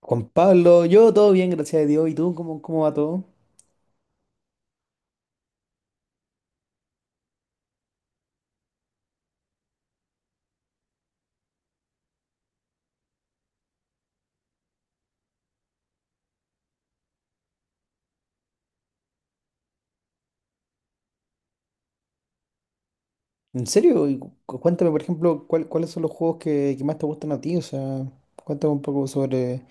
Juan Pablo, yo todo bien, gracias a Dios. ¿Y tú cómo va todo? ¿En serio? Y cuéntame, por ejemplo, cuáles son los juegos que más te gustan a ti. O sea, cuéntame un poco sobre,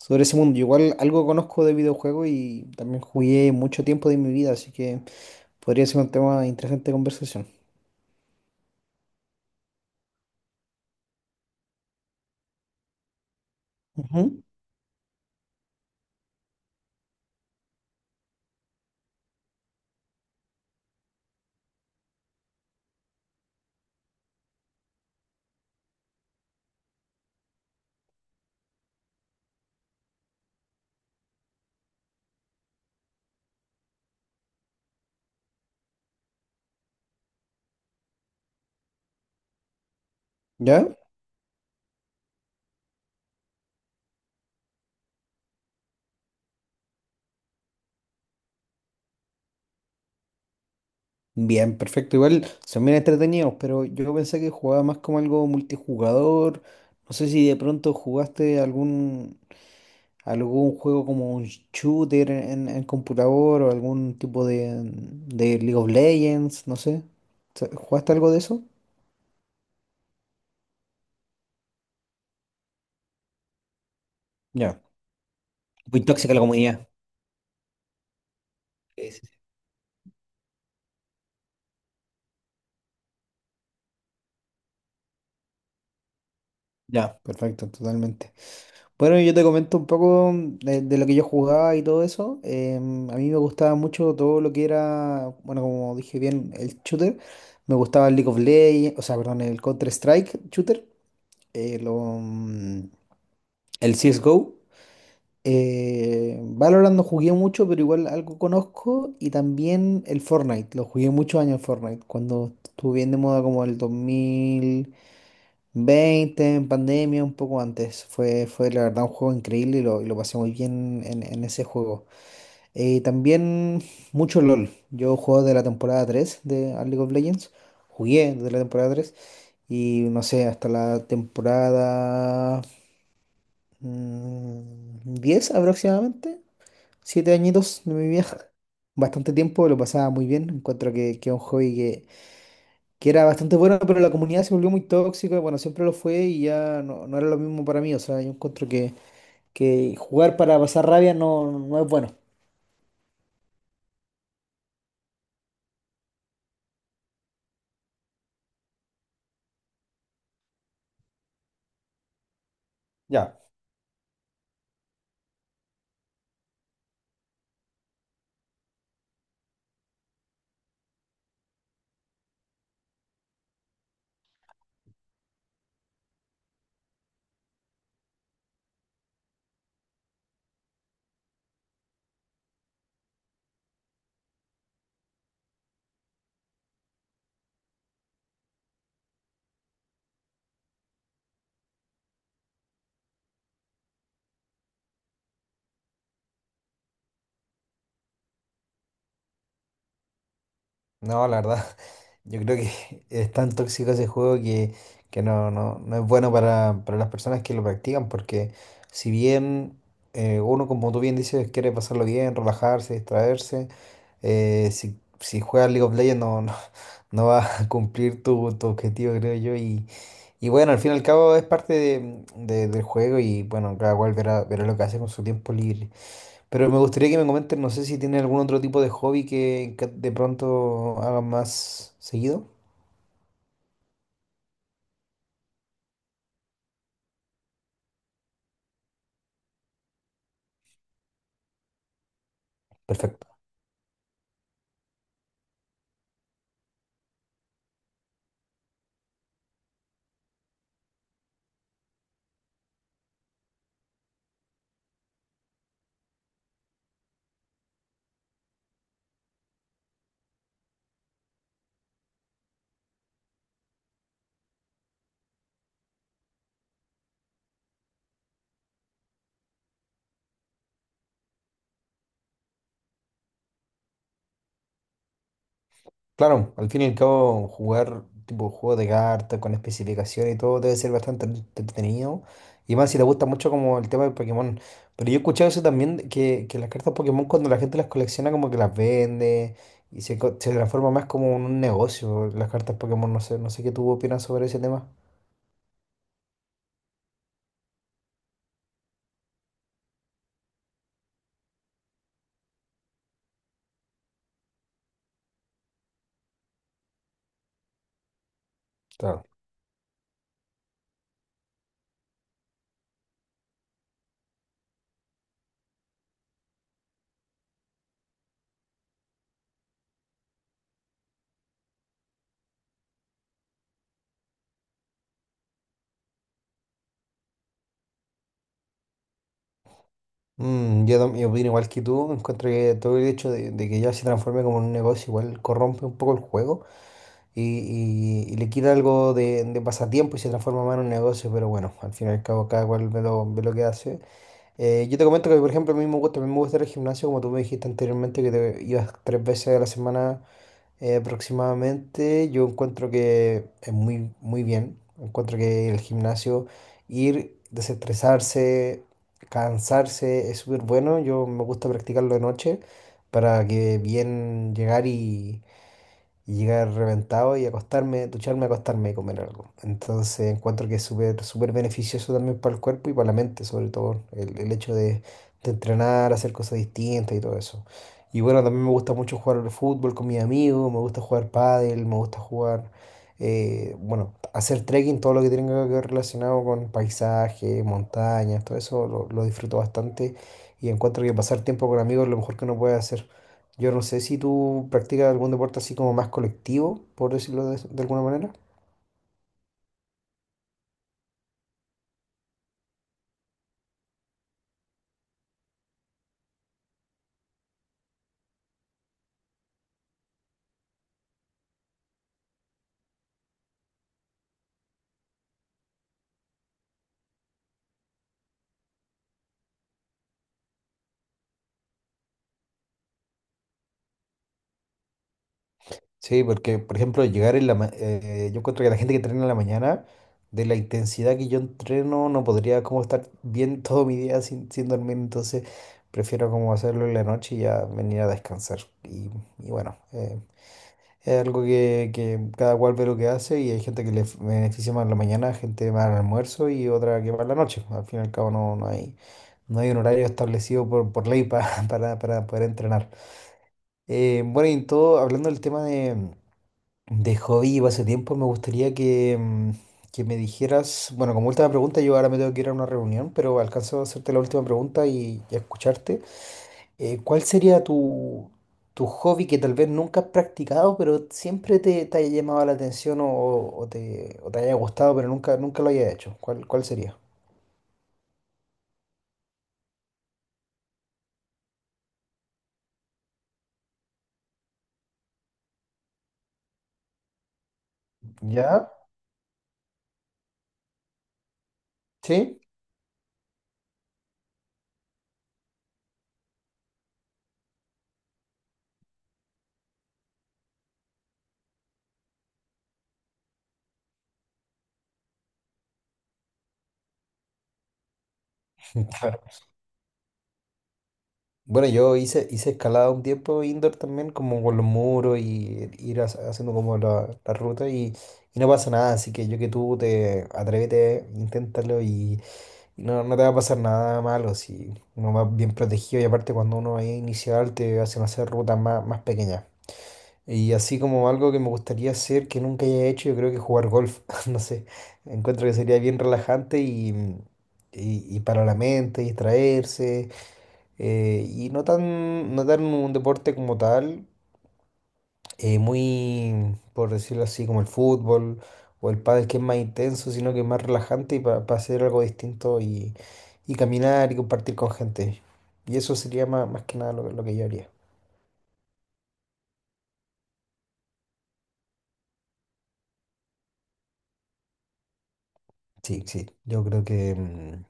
sobre ese mundo. Yo igual algo conozco de videojuegos y también jugué mucho tiempo de mi vida, así que podría ser un tema interesante de conversación. Ujú. ¿Ya? Bien, perfecto. Igual son bien entretenidos, pero yo pensé que jugaba más como algo multijugador. No sé si de pronto jugaste algún juego como un shooter en computador o algún tipo de League of Legends, no sé. ¿Jugaste algo de eso? Ya. Muy tóxica la comunidad. Sí, sí, sí. Ya, perfecto, totalmente. Bueno, yo te comento un poco de lo que yo jugaba y todo eso. A mí me gustaba mucho todo lo que era, bueno, como dije bien, el shooter. Me gustaba el League of Legends, o sea, perdón, el Counter-Strike shooter, eh, lo, mm, el CSGO. Valorant no jugué mucho, pero igual algo conozco. Y también el Fortnite, lo jugué muchos años en Fortnite, cuando estuvo bien de moda como el dos mil veinte en pandemia, un poco antes. Fue la verdad un juego increíble y lo pasé muy bien en ese juego. También mucho LOL. Yo juego de la temporada tres de a League of Legends. Jugué desde la temporada 3 y no sé, hasta la temporada mm, 10 aproximadamente. Siete añitos de mi vida, bastante tiempo, lo pasaba muy bien. Encuentro que es un hobby que era bastante bueno, pero la comunidad se volvió muy tóxica. Bueno, siempre lo fue y ya no era lo mismo para mí. O sea, yo encuentro que jugar para pasar rabia no es bueno. Ya. No, la verdad, yo creo que es tan tóxico ese juego que no es bueno para las personas que lo practican, porque si bien uno, como tú bien dices, quiere pasarlo bien, relajarse, distraerse, si juegas League of Legends no va a cumplir tu objetivo, creo yo, y bueno, al fin y al cabo es parte del juego y bueno, cada cual verá lo que hace con su tiempo libre. Pero me gustaría que me comenten, no sé si tienen algún otro tipo de hobby que de pronto hagan más seguido. Perfecto. Claro, al fin y al cabo, jugar tipo juego de cartas con especificaciones y todo debe ser bastante entretenido. Y más si te gusta mucho como el tema de Pokémon. Pero yo he escuchado eso también, que las cartas Pokémon cuando la gente las colecciona como que las vende se transforma más como en un negocio las cartas Pokémon. No sé, no sé qué tú opinas sobre ese tema. Claro. Yo opino igual que tú, encuentro que todo el hecho de que ya se transforme como en un negocio igual corrompe un poco el juego y, y le quita algo de pasatiempo y se transforma más en un negocio, pero bueno, al fin y al cabo cada cual ve lo que hace. Yo te comento que por ejemplo a mí me gusta ir al gimnasio, como tú me dijiste anteriormente que te ibas tres veces a la semana aproximadamente, yo encuentro que es muy, muy bien. Encuentro que el gimnasio, ir, desestresarse, cansarse, es súper bueno. Yo me gusta practicarlo de noche para que bien llegar y llegar reventado y acostarme, ducharme, acostarme y comer algo. Entonces encuentro que es súper, súper beneficioso también para el cuerpo y para la mente, sobre todo el hecho de entrenar, hacer cosas distintas y todo eso. Y bueno, también me gusta mucho jugar al fútbol con mis amigos, me gusta jugar pádel, bueno, hacer trekking, todo lo que tenga que ver relacionado con paisajes, montañas, todo eso lo disfruto bastante y encuentro que pasar tiempo con amigos es lo mejor que uno puede hacer. Yo no sé si tú practicas algún deporte así como más colectivo, por decirlo de alguna manera. Sí, porque, por ejemplo, llegar en la... yo encuentro que la gente que entrena en la mañana, de la intensidad que yo entreno, no podría como estar bien todo mi día sin dormir, entonces prefiero como hacerlo en la noche y ya venir a descansar. Y, y bueno, es algo que cada cual ve lo que hace y hay gente que le beneficia más en la mañana, gente más al almuerzo y otra que más en la noche. Al fin y al cabo no hay un horario establecido por ley para poder entrenar. Bueno, y en todo, hablando del tema de hobby y pasatiempos, me gustaría que, que me dijeras, bueno, como última pregunta, yo ahora me tengo que ir a una reunión, pero alcanzo a hacerte la última pregunta y a escucharte. ¿Cuál sería tu hobby que tal vez nunca has practicado, pero siempre te haya llamado la atención o o te haya gustado, pero nunca lo haya hecho? ¿Cuál sería? ¿Ya? ¿Sí? Claro. Bueno, hice escalada un tiempo indoor también, como con los muros y ir haciendo como la ruta y no pasa nada, así que yo que tú te atrévete, inténtalo y, no, no te va a pasar nada malo si uno va bien protegido y aparte cuando uno es inicial te hacen hacer rutas más pequeñas. Y así como algo que me gustaría hacer que nunca haya hecho, yo creo que jugar golf, no sé, encuentro que sería bien relajante y para la mente, distraerse, y no tan un deporte como tal, muy, por decirlo así, como el fútbol o el pádel, que es más intenso, sino que es más relajante y para hacer algo distinto y caminar y compartir con gente. Y eso sería más que nada lo que yo haría. Sí, sí, yo creo que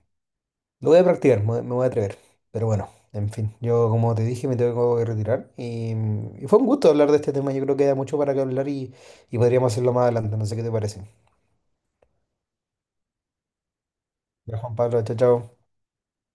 lo voy a practicar, me voy a atrever. Pero bueno, en fin, yo como te dije me tengo que retirar y, y fue un gusto hablar de este tema, yo creo que da mucho para que hablar y podríamos hacerlo más adelante, no sé qué te parece. Ya, Juan Pablo, chao, chao.